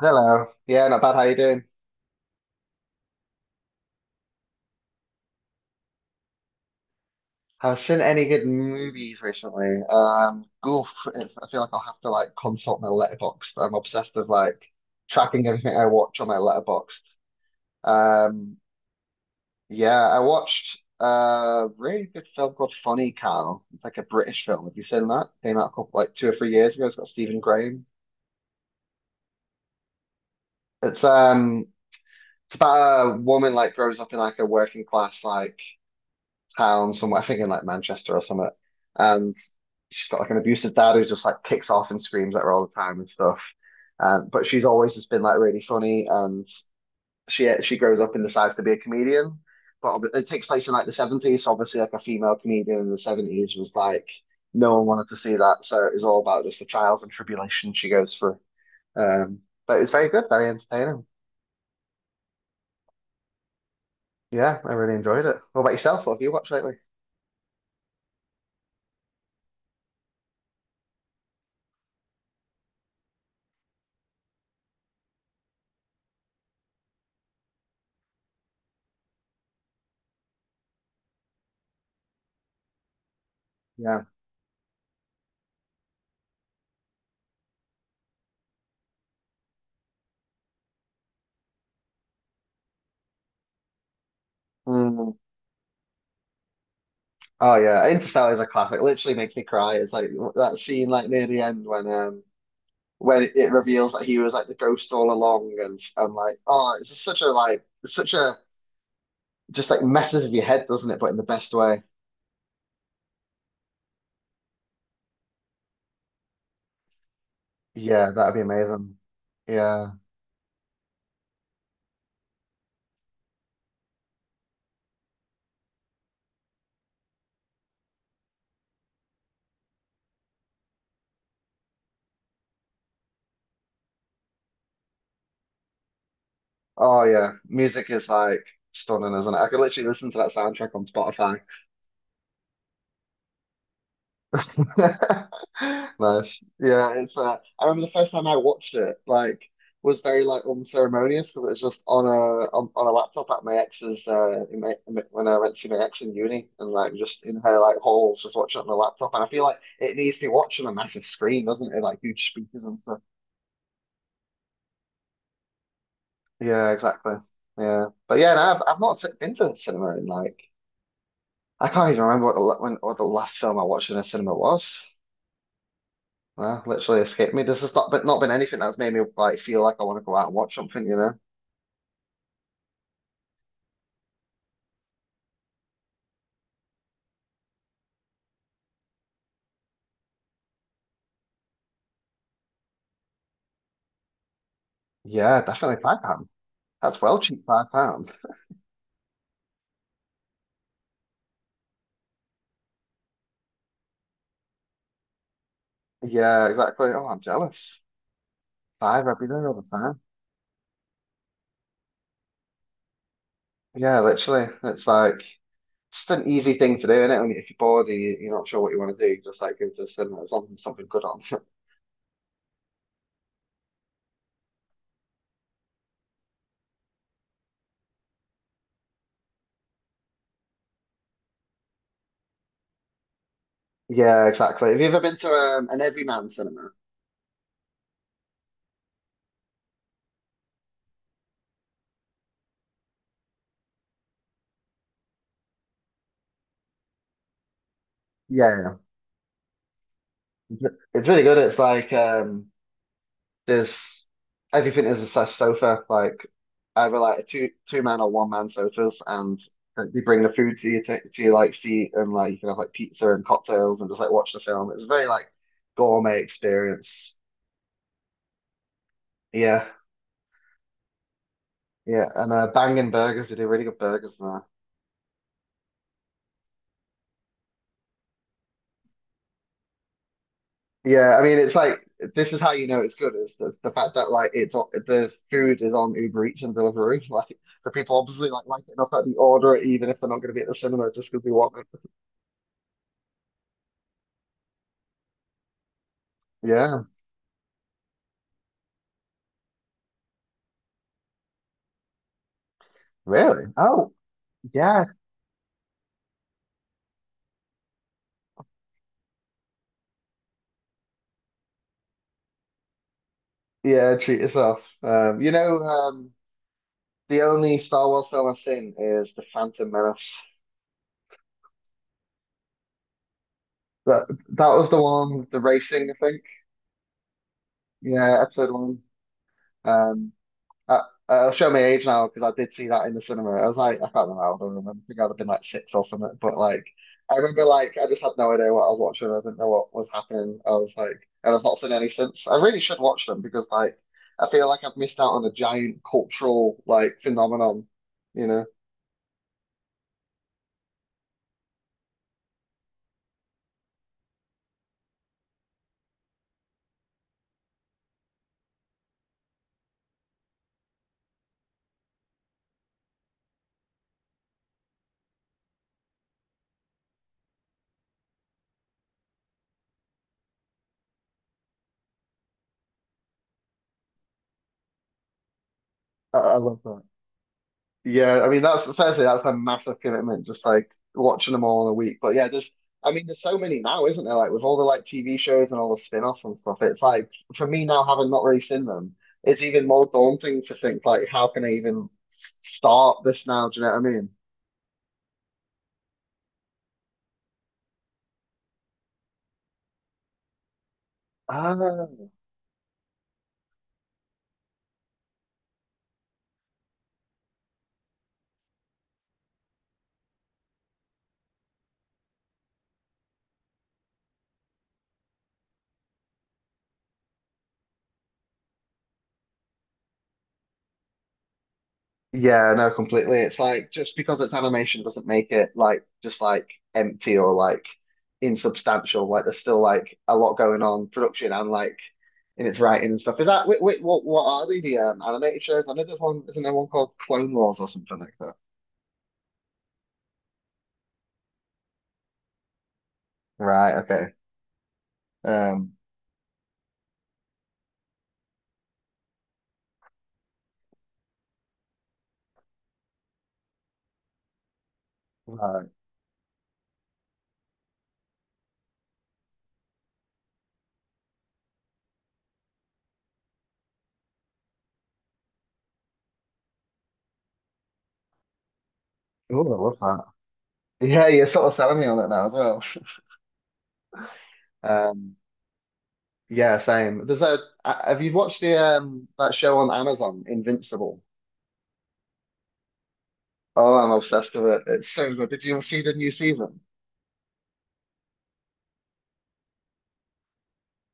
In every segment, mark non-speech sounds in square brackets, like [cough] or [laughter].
Hello. Yeah, not bad. How you doing? Have seen any good movies recently? I feel like I'll have to like consult my letterbox. I'm obsessed with like tracking everything I watch on my letterbox. Um, yeah, I watched a really good film called Funny Cow. It's like a British film. Have you seen that? Came out a couple, like 2 or 3 years ago. It's got Stephen Graham. It's um, it's about a woman like grows up in like a working class like town somewhere. I think in like Manchester or something. And she's got like an abusive dad who just like kicks off and screams at her all the time and stuff. But she's always just been like really funny, and she grows up and decides to be a comedian. But it takes place in like the 70s, so obviously like a female comedian in the 70s was like no one wanted to see that, so it was all about just the trials and tribulations she goes through. Um, but it's very good, very entertaining. Yeah, I really enjoyed it. What about yourself? What have you watched lately? Yeah. Mm. Oh yeah, Interstellar is a classic. Literally makes me cry. It's like that scene like near the end when when it reveals that he was like the ghost all along, and like, oh, it's just such a like, it's such a just like messes with your head, doesn't it? But in the best way. Yeah, that'd be amazing. Yeah. Oh yeah, music is like stunning, isn't it? I could literally listen to that soundtrack on Spotify. [laughs] Nice. Yeah, it's I remember the first time I watched it, like was very like unceremonious because it was just on a on a laptop at my ex's in my, when I went to see my ex in uni and like just in her like halls just watching it on the laptop and I feel like it needs to be watched on a massive screen, doesn't it? Like huge speakers and stuff. Yeah, exactly. Yeah. But yeah, no, I've not been to the cinema in like I can't even remember what the when what the last film I watched in a cinema was. Nah, literally escaped me. This has not been, not been anything that's made me like feel like I want to go out and watch something, you know? Yeah, definitely £5. That's well cheap, £5. Yeah, exactly. Oh, I'm jealous. Five every day all the time. Yeah, literally. It's like just an easy thing to do, isn't it? When, if you're bored and you, you're not sure what you want to do, you just like go to the cinema. There's something good on. [laughs] Yeah, exactly. Have you ever been to an Everyman cinema? Yeah, yeah. It's really good. It's like there's everything is a size sofa. Like either like two man or one man sofas, and they bring the food to you to your like seat, and like you can have like pizza and cocktails and just like watch the film. It's a very like gourmet experience. Yeah, yeah, and bangin' burgers. They do really good burgers there. Yeah, I mean, it's like this is how you know it's good is the fact that like it's on, the food is on Uber Eats and Deliveroo. [laughs] Like the people obviously like it enough that they order it even if they're not going to be at the cinema just because they want it. Yeah. Really? Oh, yeah. Yeah, treat yourself. The only Star Wars film I've seen is The Phantom Menace. That that was the one, the racing, I think. Yeah, episode one. Um, Uh, show my age now because I did see that in the cinema. I was like, I can't remember how old I don't remember. I think I'd have been like six or something. But like, I remember like I just had no idea what I was watching. I didn't know what was happening. I was like, and I've not seen any since. I really should watch them because like I feel like I've missed out on a giant cultural like phenomenon. You know, I love that. Yeah, I mean that's firstly that's a massive commitment, just like watching them all in a week. But yeah, just I mean, there's so many now, isn't there? Like with all the like TV shows and all the spin-offs and stuff, it's like for me now, having not really seen them, it's even more daunting to think like how can I even start this now? Do you know what I mean? Ah, yeah, no, completely. It's like just because it's animation doesn't make it like just like empty or like insubstantial. Like there's still like a lot going on, production and like in its writing and stuff. Is that wait, what are they the animated shows? I know there's one, isn't there one called Clone Wars or something like that? Right. Okay. Um. Right. Oh, I love that. Yeah, you're sort of selling me on it now as well. Um. Yeah, same. There's a. Have you watched the that show on Amazon, Invincible? Oh, I'm obsessed with it. It's so good. Did you see the new season?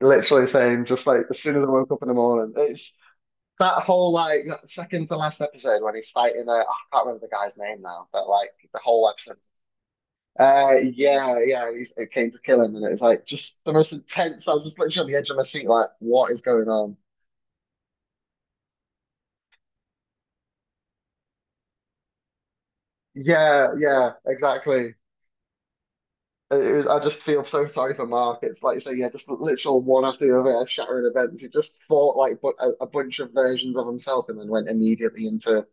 Literally saying just like as soon as I woke up in the morning, it's that whole like that second to last episode when he's fighting. I can't remember the guy's name now, but like the whole episode yeah, yeah, it came to kill him, and it was like just the most intense. I was just literally on the edge of my seat, like, what is going on? Yeah, yeah, exactly. It was, I just feel so sorry for Mark. It's like you say, yeah, just literal one after the other, shattering events. He just fought like but a bunch of versions of himself, and then went immediately into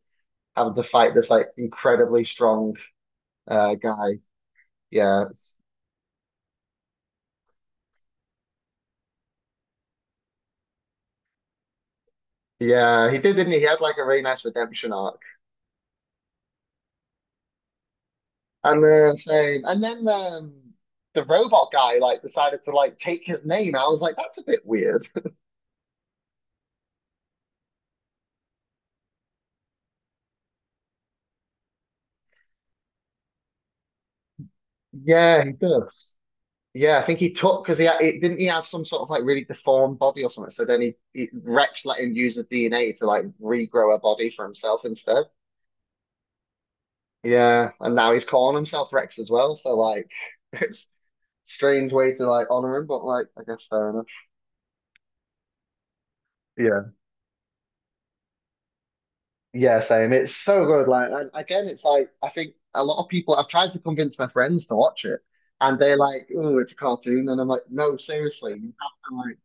having to fight this like incredibly strong guy. Yeah, it's- yeah, he did, didn't he? He had like a really nice redemption arc. And the same. And then the robot guy like decided to like take his name. I was like, that's a bit weird. [laughs] Yeah, he does. Yeah, I think he took because he had, it, didn't he have some sort of like really deformed body or something. So then he Rex let him use his DNA to like regrow a body for himself instead. Yeah, and now he's calling himself Rex as well. So like, [laughs] it's a strange way to like honor him, but like, I guess fair enough. Yeah. Yeah, same. It's so good. Like, and again, it's like I think a lot of people. I've tried to convince my friends to watch it, and they're like, "Oh, it's a cartoon," and I'm like, "No, seriously, you have to like."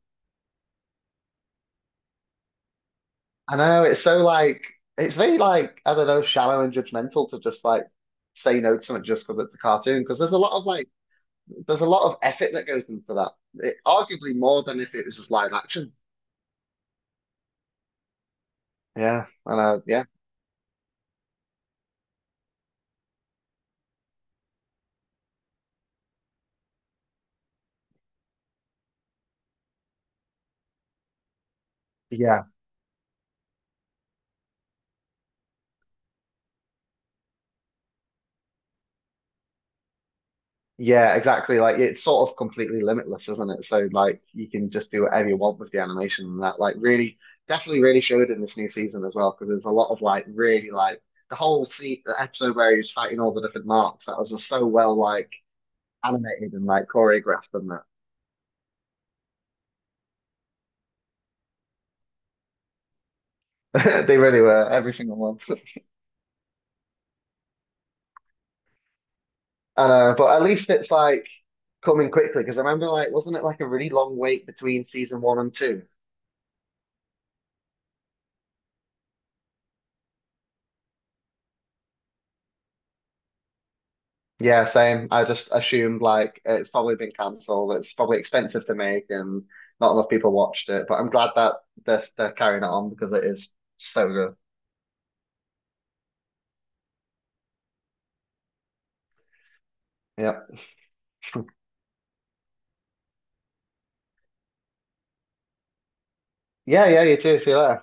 I know it's so like it's very like I don't know, shallow and judgmental to just like say no to something just because it's a cartoon. Because there's a lot of like there's a lot of effort that goes into that. It, arguably more than if it was just live action. Yeah, and yeah. Yeah, yeah, exactly. Like it's sort of completely limitless, isn't it? So like you can just do whatever you want with the animation and that like really definitely really showed in this new season as well because there's a lot of like really like the whole se the episode where he was fighting all the different marks that was just so well like animated and like choreographed and that [laughs] they really were every single one. [laughs] I know, but at least it's like coming quickly because I remember like wasn't it like a really long wait between season one and two? Yeah, same. I just assumed like it's probably been cancelled. It's probably expensive to make and not enough people watched it. But I'm glad that they're carrying it on because it is so good. Yeah. Yeah, yeah, you too. See you later.